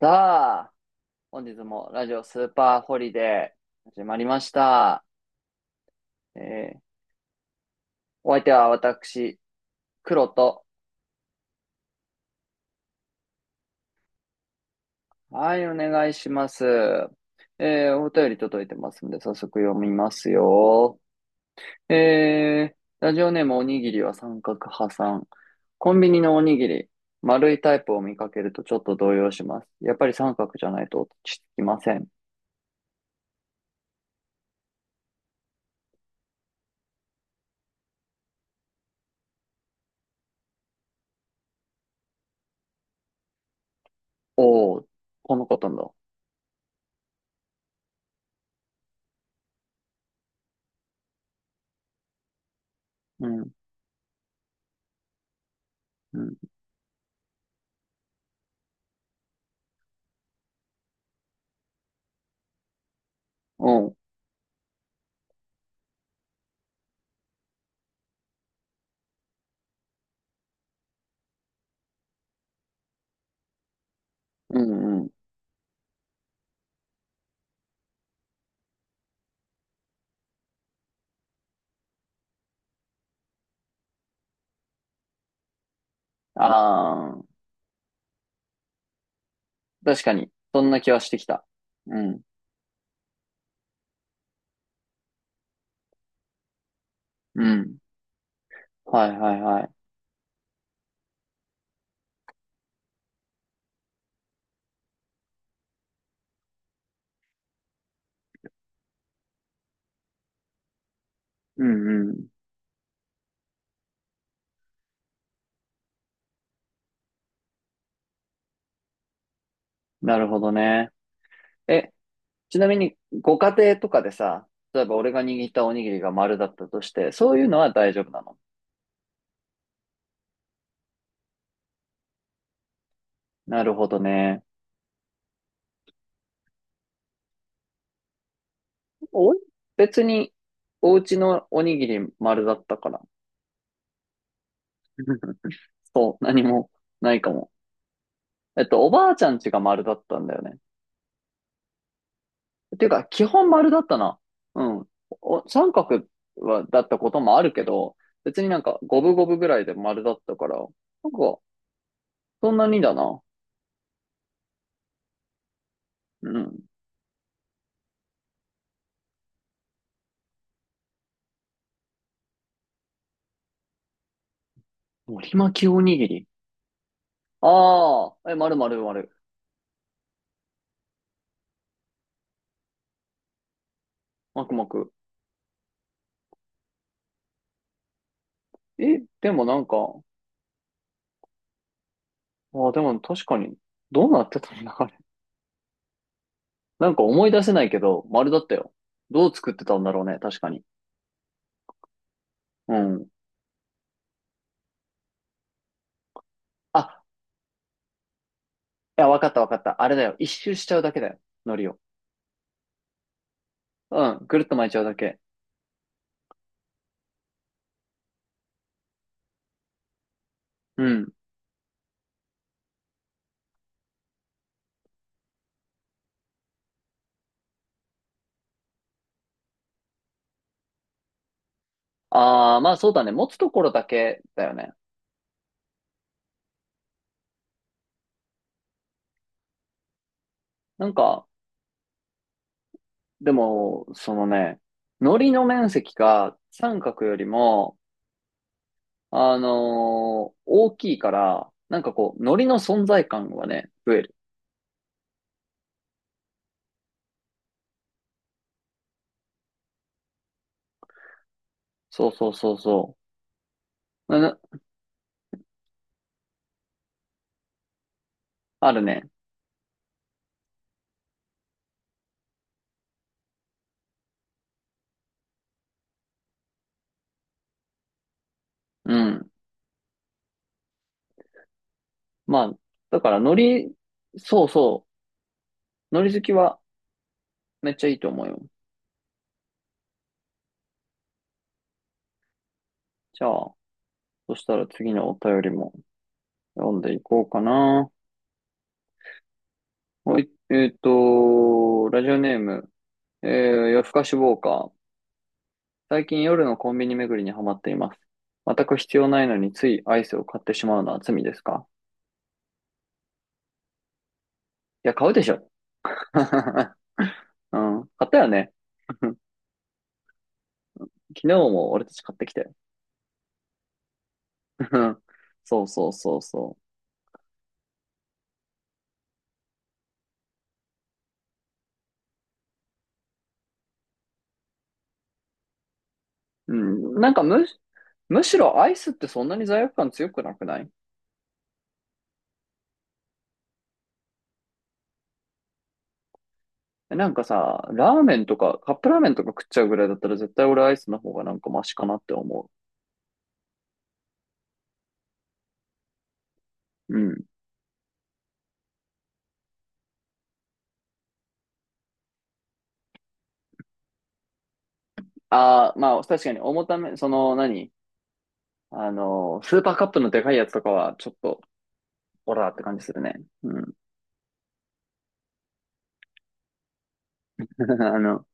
さあ、本日もラジオスーパーホリデー始まりました。えーお相手は私、黒と。はい、お願いします。お便り届いてますので、早速読みますよ。えーラジオネームおにぎりは三角派さん。コンビニのおにぎり、丸いタイプを見かけるとちょっと動揺します。やっぱり三角じゃないと落ち着きません。おー、このことなんだ。うん、うん、おうん、うん、うん。あ確かに。そんな気はしてきた。うん。うん。はいはいはい。うんうん。なるほどね。え、ちなみに、ご家庭とかでさ、例えば俺が握ったおにぎりが丸だったとして、そういうのは大丈夫なの？なるほどね。お、別に、お家のおにぎり丸だったから。そう、何もないかも。えっと、おばあちゃん家が丸だったんだよね。ていうか、基本丸だったな。うん。お三角は、だったこともあるけど、別になんか五分五分ぐらいで丸だったから、なんか、そんなにだな。うん。海苔巻きおにぎり。ああ、え、丸丸丸。まくまく。え、でもなんか、ああ、でも確かに、どうなってたんだ、あれ。なんか思い出せないけど、丸だったよ。どう作ってたんだろうね、確かに。うん。あ、いや、わかったわかった。あれだよ。一周しちゃうだけだよ。海苔を。うん。ぐるっと巻いちゃうだけ。うん。ああ、まあそうだね。持つところだけだよね。なんか、でも、そのね、糊の面積が三角よりも、大きいから、なんかこう、糊の存在感はね、増える。そうそうそうそう。なあるね。うん。まあ、だから糊、そうそう。糊好きはめっちゃいいと思うよ。じゃあ、そしたら次のお便りも読んでいこうかな。はい、えっと、ラジオネーム、えー、夜更かしウォーカー。最近夜のコンビニ巡りにハマっています。全く必要ないのについアイスを買ってしまうのは罪ですか？いや、買うでしょ。うん、買ったよね。昨日も俺たち買ってきたよ。そうそうそうそう。うん、むしろアイスってそんなに罪悪感強くなくない？なんかさ、ラーメンとか、カップラーメンとか食っちゃうぐらいだったら絶対俺アイスの方がなんかマシかなって思う。うん。ああ、まあ確かに重ため、その何？あの、スーパーカップのでかいやつとかは、ちょっと、オラーって感じするね。うん。あの、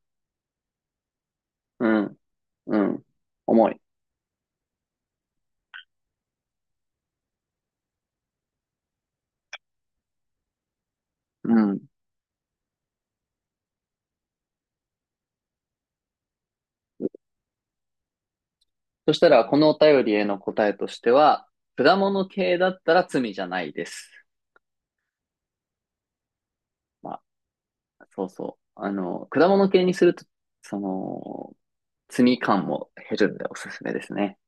うん、うん。重い。うん。そしたら、このお便りへの答えとしては、果物系だったら罪じゃないです。まあ、そうそう。あの、果物系にすると、その、罪感も減るんでおすすめですね。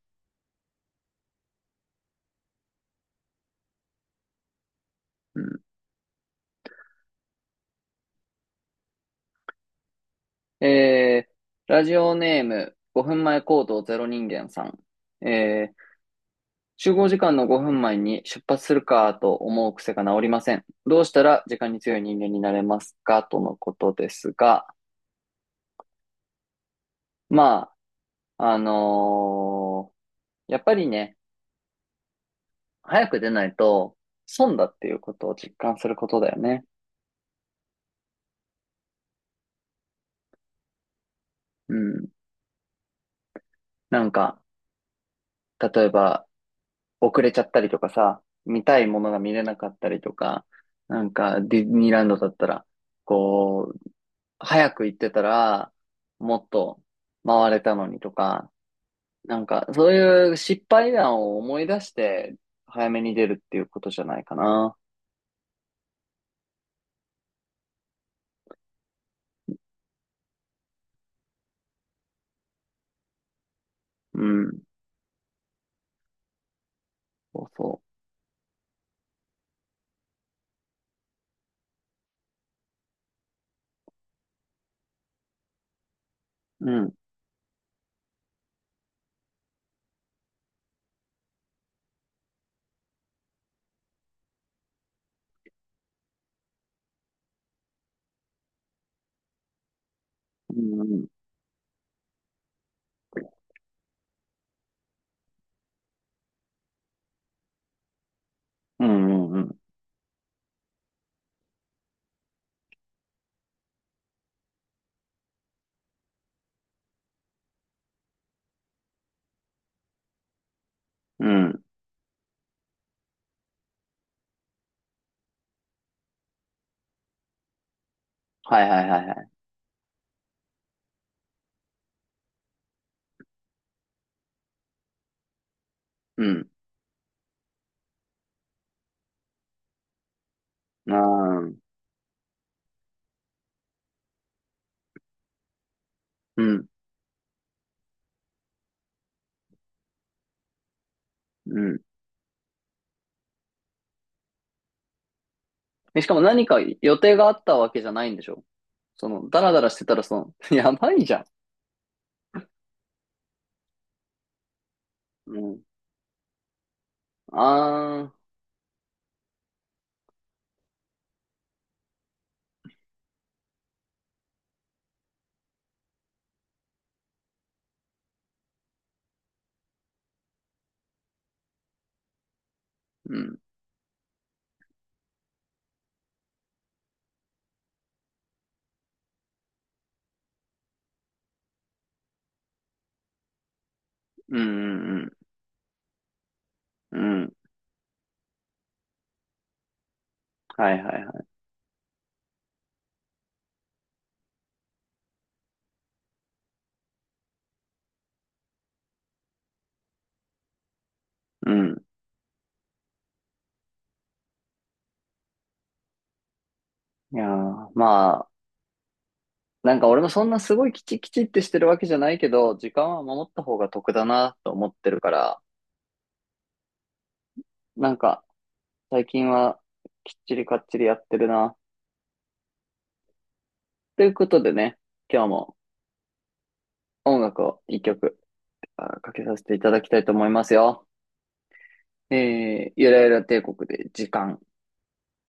うん。えー、ラジオネーム、5分前行動ゼロ人間さん。えー集合時間の5分前に出発するかと思う癖が治りません。どうしたら時間に強い人間になれますかとのことですが、まあ、やっぱりね、早く出ないと損だっていうことを実感することだよね。うん。なんか、例えば遅れちゃったりとかさ、見たいものが見れなかったりとか、なんかディズニーランドだったら、こう、早く行ってたら、もっと回れたのにとか、なんか、そういう失敗談を思い出して、早めに出るっていうことじゃないかな。うん。そうそう。うん。うん。うん。うん。うん。うんはいはいはいはい。うん。あーうん。うん。でしかも何か予定があったわけじゃないんでしょ？その、ダラダラしてたらその、やばいじゃん。うん。ああ、うん。うん。うん。うん。うんはいはいはい。うん。いやー、まなんか俺もそんなすごいきちきちってしてるわけじゃないけど、時間は守った方が得だなと思ってるから、なんか最近はきっちりかっちりやってるな。ということでね、今日も音楽を一曲あかけさせていただきたいと思いますよ。えー、ゆらゆら帝国で時間。